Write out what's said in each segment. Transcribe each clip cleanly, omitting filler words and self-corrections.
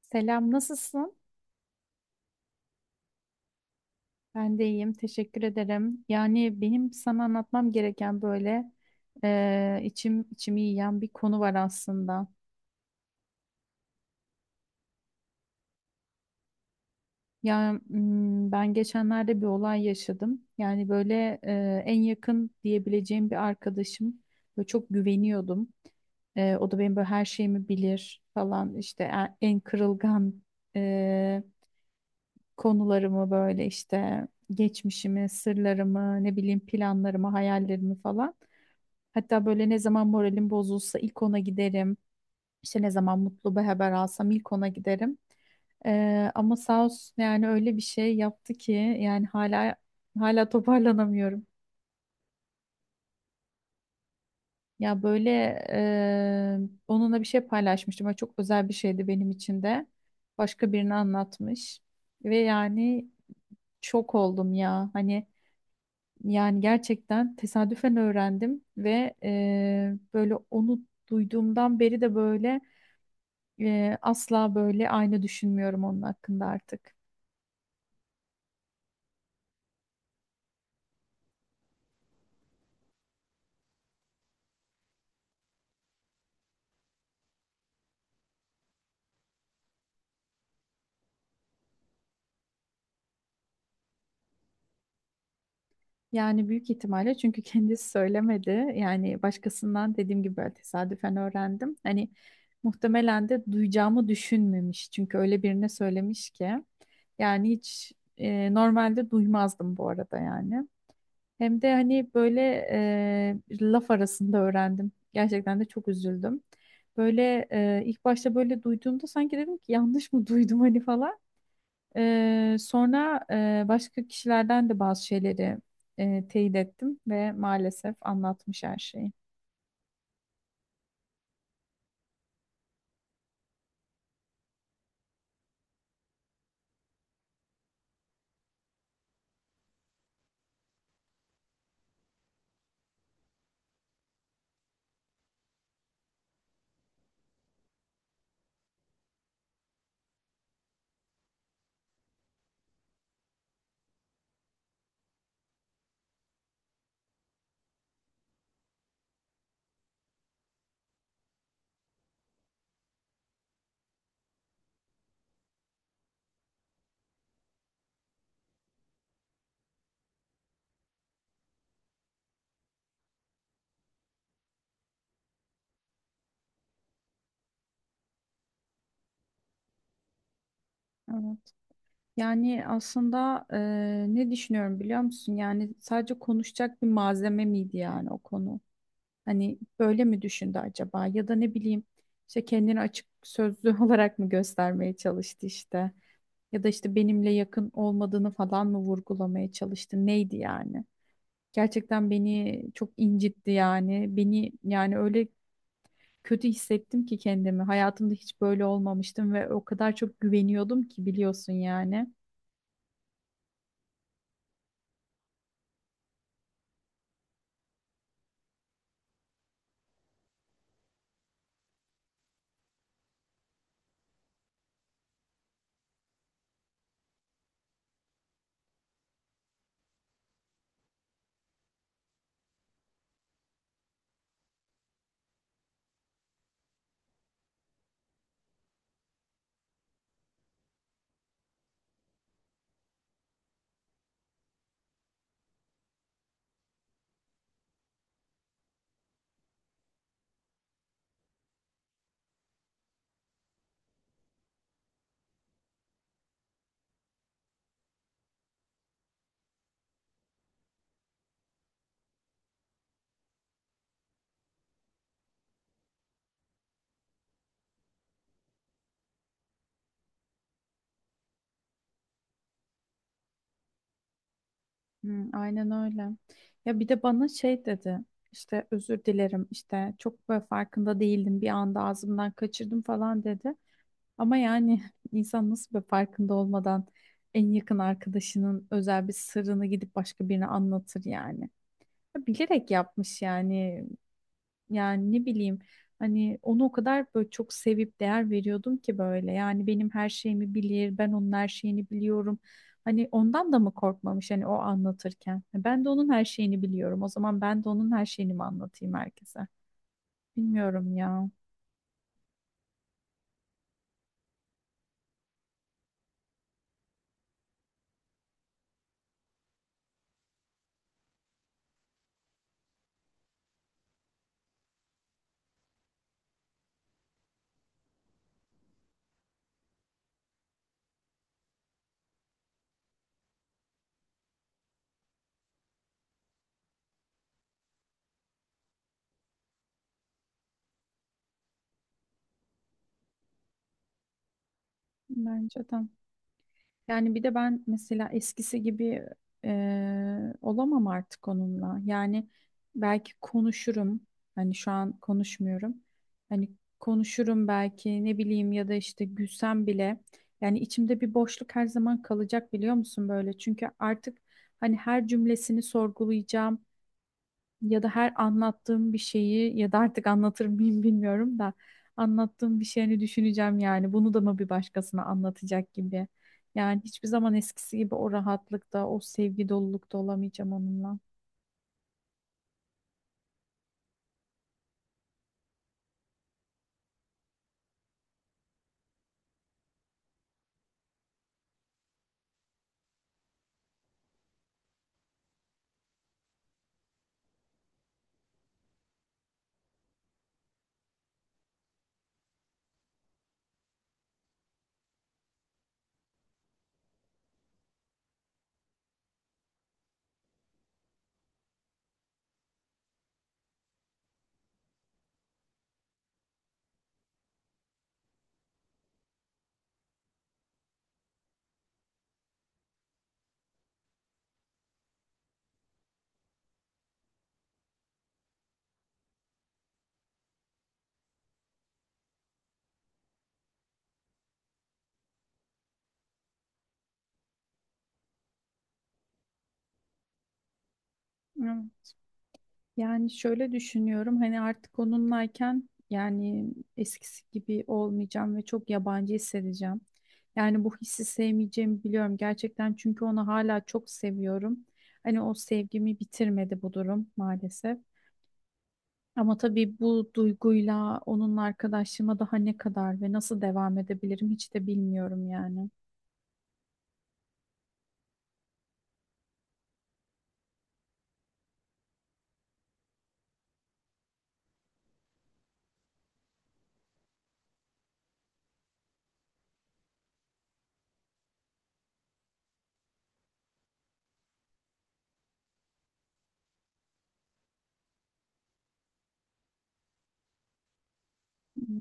Selam, nasılsın? Ben de iyiyim, teşekkür ederim. Yani benim sana anlatmam gereken böyle içim içimi yiyen bir konu var aslında. Ya ben geçenlerde bir olay yaşadım. Yani böyle en yakın diyebileceğim bir arkadaşım. Böyle çok güveniyordum. O da benim böyle her şeyimi bilir falan işte en kırılgan eee, konularımı böyle işte geçmişimi, sırlarımı, ne bileyim planlarımı, hayallerimi falan. Hatta böyle ne zaman moralim bozulsa ilk ona giderim. İşte ne zaman mutlu bir haber alsam ilk ona giderim. Ama sağ olsun yani öyle bir şey yaptı ki yani hala toparlanamıyorum. Ya böyle e, onunla bir şey paylaşmıştım. Böyle çok özel bir şeydi benim için de. Başka birine anlatmış. Ve yani şok oldum ya. Hani yani gerçekten tesadüfen öğrendim ve böyle onu duyduğumdan beri de böyle asla böyle aynı düşünmüyorum onun hakkında artık. Yani büyük ihtimalle çünkü kendisi söylemedi. Yani başkasından dediğim gibi böyle tesadüfen öğrendim. Hani muhtemelen de duyacağımı düşünmemiş. Çünkü öyle birine söylemiş ki. Yani hiç normalde duymazdım bu arada yani. Hem de hani böyle laf arasında öğrendim. Gerçekten de çok üzüldüm. Böyle ilk başta böyle duyduğumda sanki dedim ki yanlış mı duydum hani falan. Sonra başka kişilerden de bazı şeyleri teyit ettim ve maalesef anlatmış her şeyi. Evet. Yani aslında ne düşünüyorum biliyor musun? Yani sadece konuşacak bir malzeme miydi yani o konu? Hani böyle mi düşündü acaba? Ya da ne bileyim işte kendini açık sözlü olarak mı göstermeye çalıştı işte? Ya da işte benimle yakın olmadığını falan mı vurgulamaya çalıştı? Neydi yani? Gerçekten beni çok incitti yani. Beni yani öyle kötü hissettim ki kendimi. Hayatımda hiç böyle olmamıştım ve o kadar çok güveniyordum ki biliyorsun yani. Hmm, aynen öyle. Ya bir de bana şey dedi. İşte özür dilerim işte çok böyle farkında değildim bir anda ağzımdan kaçırdım falan dedi. Ama yani insan nasıl böyle farkında olmadan en yakın arkadaşının özel bir sırrını gidip başka birine anlatır yani. Ya bilerek yapmış yani. Yani ne bileyim hani onu o kadar böyle çok sevip değer veriyordum ki böyle. Yani benim her şeyimi bilir, ben onun her şeyini biliyorum. Hani ondan da mı korkmamış hani o anlatırken? Ben de onun her şeyini biliyorum. O zaman ben de onun her şeyini mi anlatayım herkese? Bilmiyorum ya. Bence de. Yani bir de ben mesela eskisi gibi olamam artık onunla. Yani belki konuşurum. Hani şu an konuşmuyorum. Hani konuşurum belki ne bileyim ya da işte gülsem bile. Yani içimde bir boşluk her zaman kalacak biliyor musun böyle? Çünkü artık hani her cümlesini sorgulayacağım ya da her anlattığım bir şeyi ya da artık anlatır mıyım bilmiyorum da anlattığım bir şeyini düşüneceğim yani bunu da mı bir başkasına anlatacak gibi. Yani hiçbir zaman eskisi gibi o rahatlıkta, o sevgi dolulukta olamayacağım onunla. Evet. Yani şöyle düşünüyorum hani artık onunlayken yani eskisi gibi olmayacağım ve çok yabancı hissedeceğim. Yani bu hissi sevmeyeceğimi biliyorum gerçekten çünkü onu hala çok seviyorum. Hani o sevgimi bitirmedi bu durum maalesef. Ama tabii bu duyguyla onunla arkadaşlığıma daha ne kadar ve nasıl devam edebilirim hiç de bilmiyorum yani. Hmm,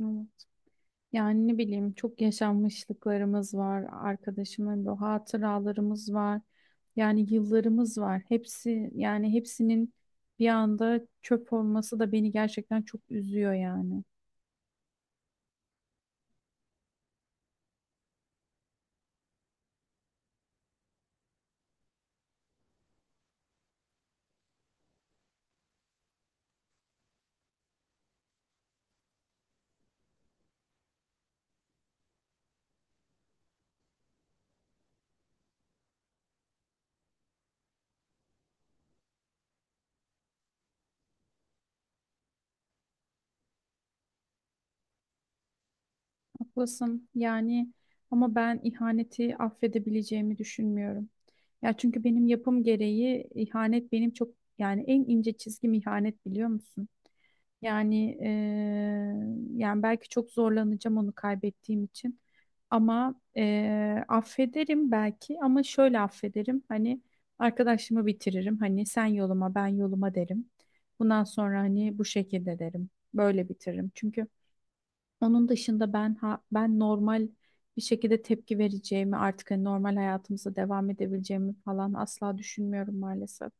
evet. Yani ne bileyim çok yaşanmışlıklarımız var, arkadaşımın bu hatıralarımız var. Yani yıllarımız var. Hepsi yani hepsinin bir anda çöp olması da beni gerçekten çok üzüyor yani. Haklısın yani ama ben ihaneti affedebileceğimi düşünmüyorum. Ya çünkü benim yapım gereği ihanet benim çok yani en ince çizgim ihanet biliyor musun? Yani yani belki çok zorlanacağım onu kaybettiğim için ama affederim belki ama şöyle affederim hani arkadaşımı bitiririm hani sen yoluma ben yoluma derim. Bundan sonra hani bu şekilde derim böyle bitiririm çünkü. Onun dışında ben normal bir şekilde tepki vereceğimi artık hani normal hayatımıza devam edebileceğimi falan asla düşünmüyorum maalesef.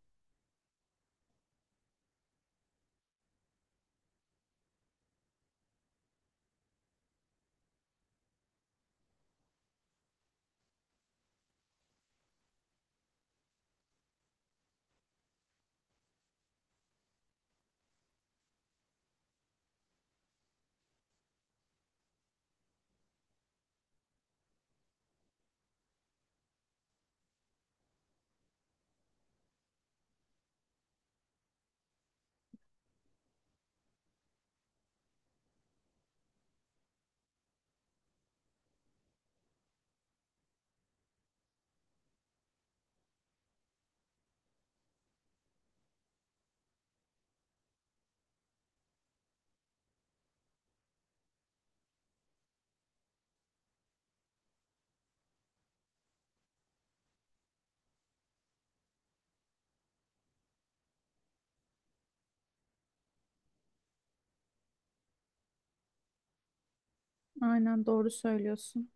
Aynen doğru söylüyorsun.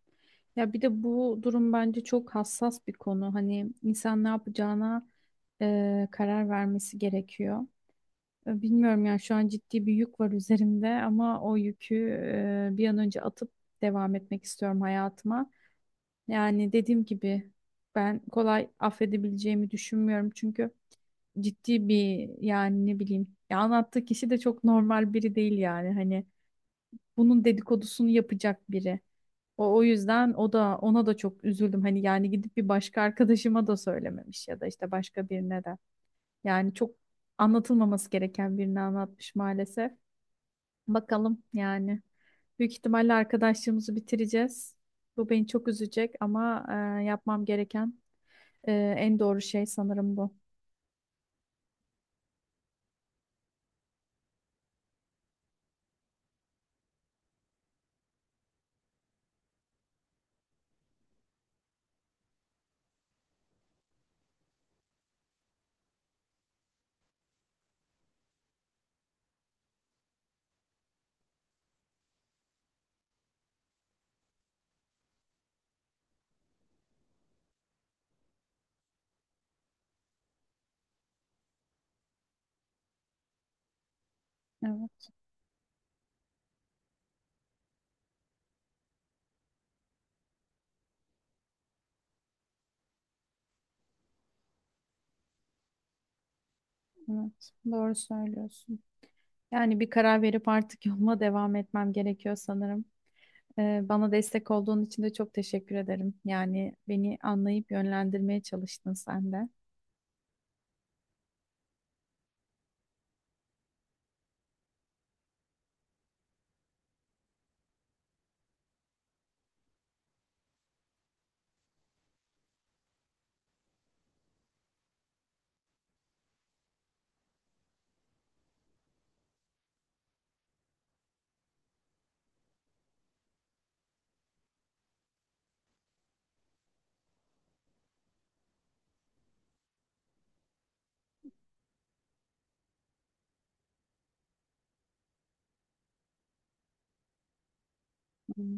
Ya bir de bu durum bence çok hassas bir konu. Hani insan ne yapacağına karar vermesi gerekiyor. Bilmiyorum yani şu an ciddi bir yük var üzerimde ama o yükü bir an önce atıp devam etmek istiyorum hayatıma. Yani dediğim gibi ben kolay affedebileceğimi düşünmüyorum çünkü ciddi bir yani ne bileyim ya anlattığı kişi de çok normal biri değil yani hani bunun dedikodusunu yapacak biri. O yüzden o da ona da çok üzüldüm. Hani yani gidip bir başka arkadaşıma da söylememiş ya da işte başka birine de. Yani çok anlatılmaması gereken birini anlatmış maalesef. Bakalım yani. Büyük ihtimalle arkadaşlığımızı bitireceğiz. Bu beni çok üzecek ama yapmam gereken e, en doğru şey sanırım bu. Evet, evet. Doğru söylüyorsun. Yani bir karar verip artık yoluma devam etmem gerekiyor sanırım. Bana destek olduğun için de çok teşekkür ederim. Yani beni anlayıp yönlendirmeye çalıştın sen de. Hmm.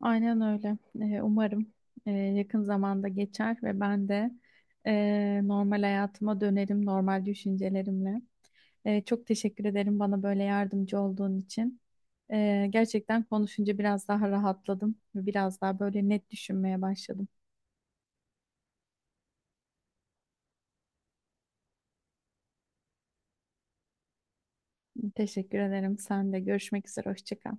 Aynen öyle. Umarım yakın zamanda geçer ve ben de normal hayatıma dönerim, normal düşüncelerimle. Çok teşekkür ederim bana böyle yardımcı olduğun için. Gerçekten konuşunca biraz daha rahatladım ve biraz daha böyle net düşünmeye başladım. Teşekkür ederim. Sen de görüşmek üzere. Hoşça kal.